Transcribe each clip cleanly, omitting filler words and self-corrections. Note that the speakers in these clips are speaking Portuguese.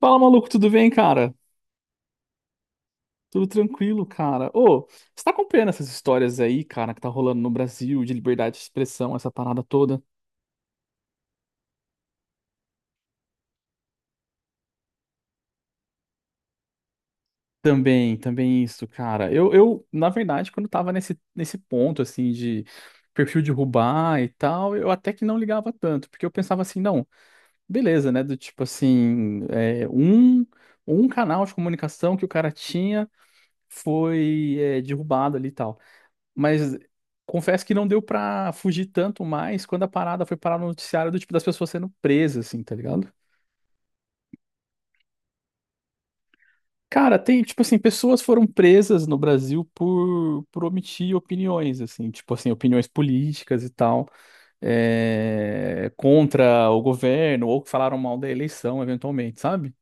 Fala, maluco, tudo bem, cara? Tudo tranquilo, cara. Ô, você tá acompanhando essas histórias aí, cara, que tá rolando no Brasil de liberdade de expressão, essa parada toda? Também isso, cara. Eu, na verdade, quando tava nesse ponto, assim, de perfil derrubar e tal, eu até que não ligava tanto, porque eu pensava assim, não, beleza, né? Do tipo assim, um canal de comunicação que o cara tinha foi, derrubado ali e tal. Mas confesso que não deu pra fugir tanto mais quando a parada foi parar no noticiário do tipo das pessoas sendo presas, assim, tá ligado? Cara, tem, tipo assim, pessoas foram presas no Brasil por omitir opiniões, assim, tipo assim, opiniões políticas e tal, contra o governo, ou que falaram mal da eleição, eventualmente, sabe?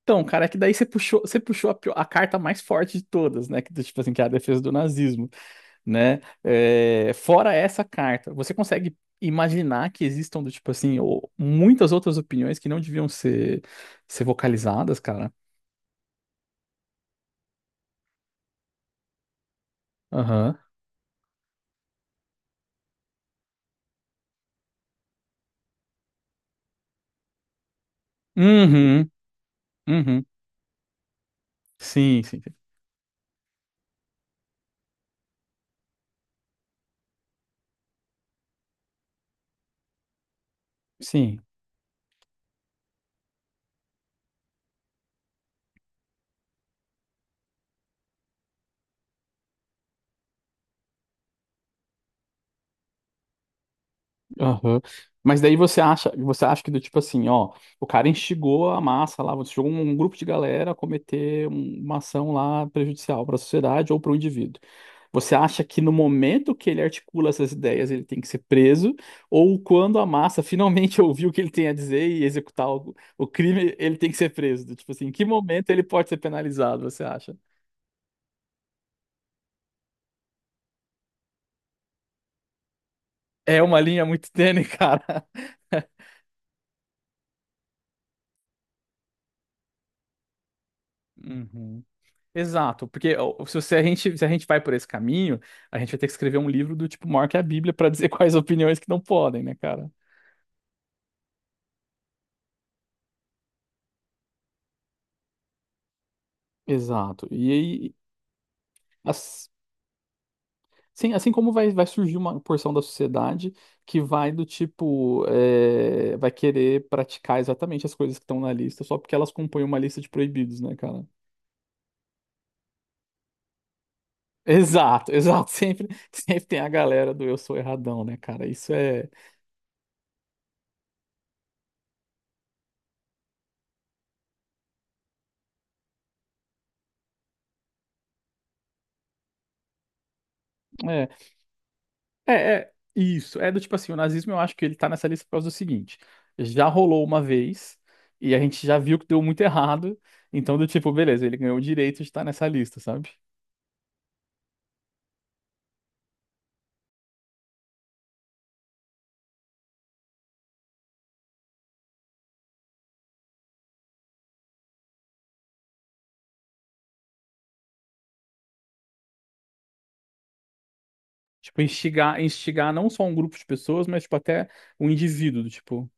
Então, cara, é que daí você puxou a carta mais forte de todas, né? Que, tipo assim, que é a defesa do nazismo. Né? Fora essa carta, você consegue imaginar que existam do tipo assim, ou muitas outras opiniões que não deviam ser vocalizadas, cara? Aham. Uhum. Uhum. Sim, sim. Sim. Aham. Mas daí você acha que do tipo assim, ó, o cara instigou a massa lá, você jogou um grupo de galera a cometer uma ação lá prejudicial para a sociedade ou para o indivíduo. Você acha que no momento que ele articula essas ideias, ele tem que ser preso, ou quando a massa finalmente ouvir o que ele tem a dizer e executar o crime, ele tem que ser preso? Do tipo assim, em que momento ele pode ser penalizado, você acha? É uma linha muito tênue, cara. Uhum. Exato, porque ó, se a gente vai por esse caminho, a gente vai ter que escrever um livro do tipo maior que a Bíblia para dizer quais opiniões que não podem, né, cara? Exato. E aí, as- assim como vai surgir uma porção da sociedade que vai do tipo, vai querer praticar exatamente as coisas que estão na lista, só porque elas compõem uma lista de proibidos, né, cara? Exato, exato. Sempre tem a galera do eu sou erradão, né, cara? Isso é. é, é isso. É do tipo assim, o nazismo eu acho que ele tá nessa lista por causa do seguinte: já rolou uma vez e a gente já viu que deu muito errado, então do tipo, beleza, ele ganhou o direito de estar nessa lista, sabe? Tipo, instigar não só um grupo de pessoas, mas tipo até um indivíduo, do tipo,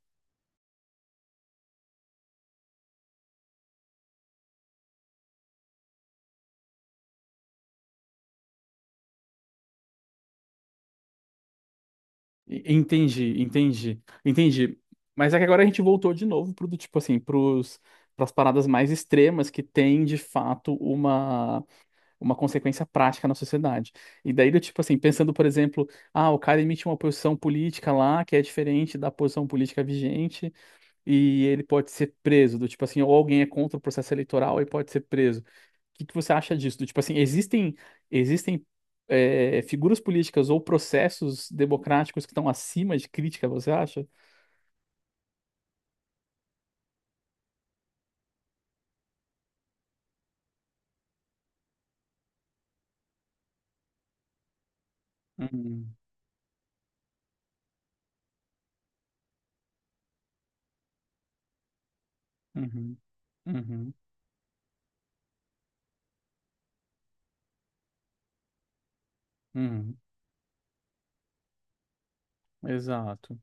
entendi, entendi, entendi. Mas é que agora a gente voltou de novo pro do tipo assim, pros, pras paradas mais extremas que tem de fato uma consequência prática na sociedade. E daí, do tipo assim, pensando, por exemplo, ah, o cara emite uma posição política lá que é diferente da posição política vigente e ele pode ser preso, do tipo assim, ou alguém é contra o processo eleitoral e pode ser preso. O que que você acha disso? Do tipo assim, existem existem figuras políticas ou processos democráticos que estão acima de crítica, você acha? Uhum, uhum, uhum, uhum. Exato.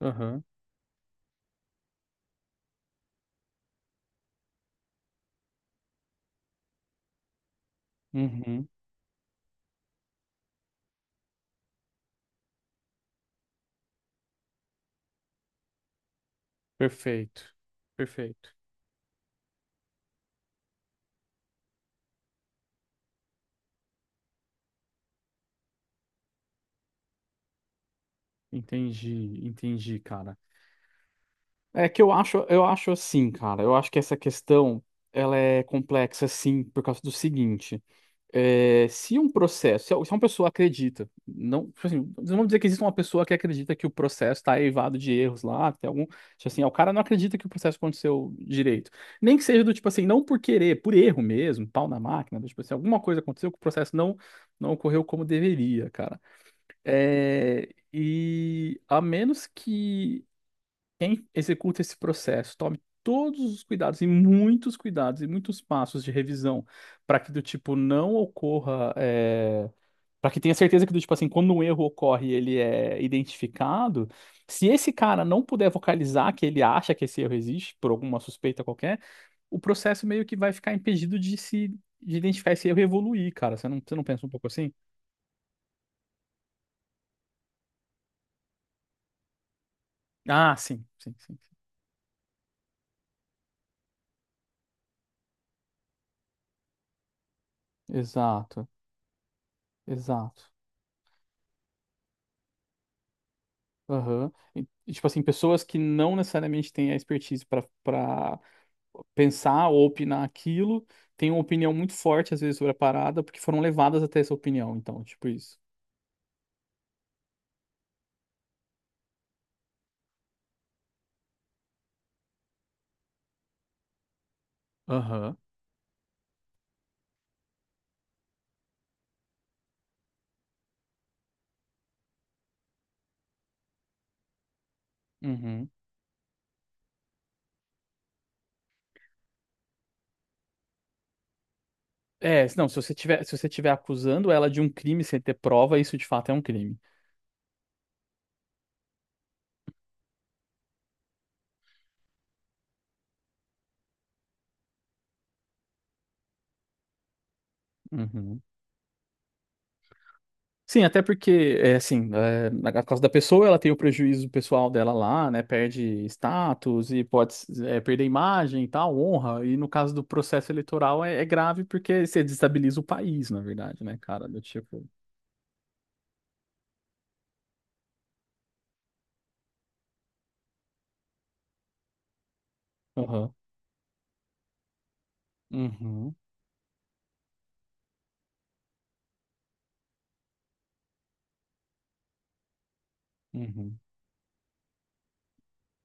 Aham. Uhum. Perfeito. Perfeito. Entendi, entendi, cara. É que eu acho assim, cara. Eu acho que essa questão ela é complexa, sim, por causa do seguinte: se um processo, se uma pessoa acredita, não, tipo assim, não vamos dizer que existe uma pessoa que acredita que o processo está eivado de erros lá, tem algum, tipo assim, ah, o cara não acredita que o processo aconteceu direito, nem que seja do tipo assim, não por querer, por erro mesmo, pau na máquina, do tipo assim, alguma coisa aconteceu que o processo não ocorreu como deveria, cara. E a menos que quem executa esse processo, tome todos os cuidados e muitos passos de revisão para que do tipo não ocorra, para que tenha certeza que do tipo assim, quando um erro ocorre, e ele é identificado. Se esse cara não puder vocalizar que ele acha que esse erro existe por alguma suspeita qualquer, o processo meio que vai ficar impedido de se de identificar esse erro e evoluir, cara. Você não pensa um pouco assim? Ah, sim, sim, sim. Sim. Exato, exato. Aham. E, tipo assim, pessoas que não necessariamente têm a expertise para pensar ou opinar aquilo, têm uma opinião muito forte, às vezes, sobre a parada, porque foram levadas até essa opinião. Então, tipo isso. Aham. Uhum. Não, se você tiver acusando ela de um crime sem ter prova, isso de fato é um crime. Uhum. Sim, até porque, é assim, na causa da pessoa, ela tem o prejuízo pessoal dela lá, né? Perde status e pode, perder imagem e tal, honra. E no caso do processo eleitoral é grave porque você desestabiliza o país, na verdade, né, cara? Do tipo. Aham. Uhum. Uhum.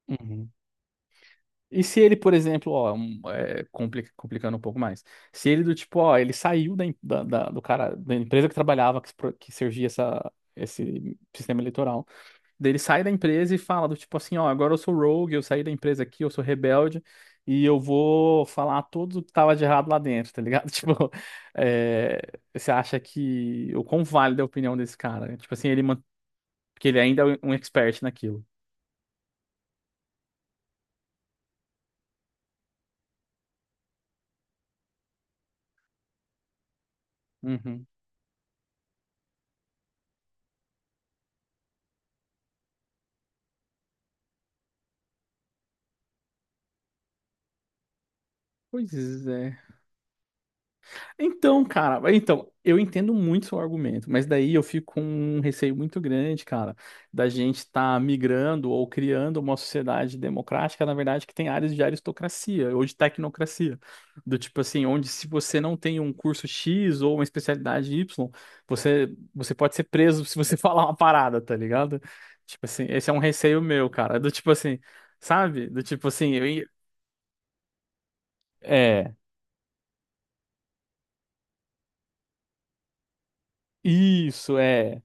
Uhum. E se ele, por exemplo, ó, complicando um pouco mais, se ele do tipo, ó, ele saiu da, em- da- da- do cara, da empresa que trabalhava, que, se pro- que servia esse sistema eleitoral. Daí ele sai da empresa e fala do tipo assim, ó, agora eu sou rogue, eu saí da empresa aqui, eu sou rebelde e eu vou falar tudo que tava de errado lá dentro, tá ligado? Tipo, é, você acha que o quão válida é a opinião desse cara? Né? Tipo assim, porque ele ainda é um expert naquilo. Uhum. Pois é. Então, cara, então, eu entendo muito seu argumento, mas daí eu fico com um receio muito grande, cara, da gente estar migrando ou criando uma sociedade democrática, na verdade, que tem áreas de aristocracia ou de tecnocracia. Do tipo assim, onde se você não tem um curso X ou uma especialidade Y, você, você pode ser preso se você falar uma parada, tá ligado? Tipo assim, esse é um receio meu, cara. Do tipo assim, sabe? Do tipo assim, é, isso, é.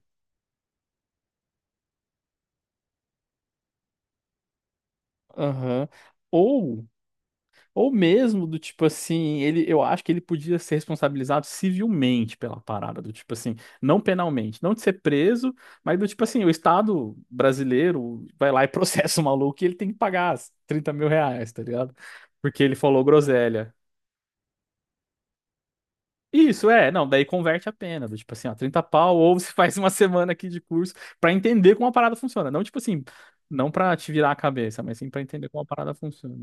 Aham. Ou. Ou mesmo do tipo assim, eu acho que ele podia ser responsabilizado civilmente pela parada, do tipo assim, não penalmente, não de ser preso, mas do tipo assim, o Estado brasileiro vai lá e processa o maluco e ele tem que pagar as 30 mil reais, tá ligado? Porque ele falou groselha. Isso, não, daí converte a pena, do tipo assim, ó, 30 pau, ou você faz uma semana aqui de curso pra entender como a parada funciona. Não, tipo assim, não pra te virar a cabeça, mas sim pra entender como a parada funciona.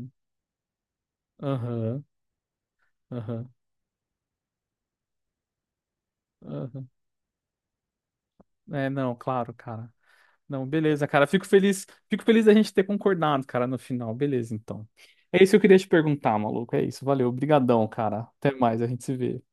Aham, aham, aham. É, não, claro, cara. Não, beleza, cara. Fico feliz da gente ter concordado, cara, no final. Beleza, então. É isso que eu queria te perguntar, maluco. É isso. Valeu. Obrigadão, cara. Até mais, a gente se vê.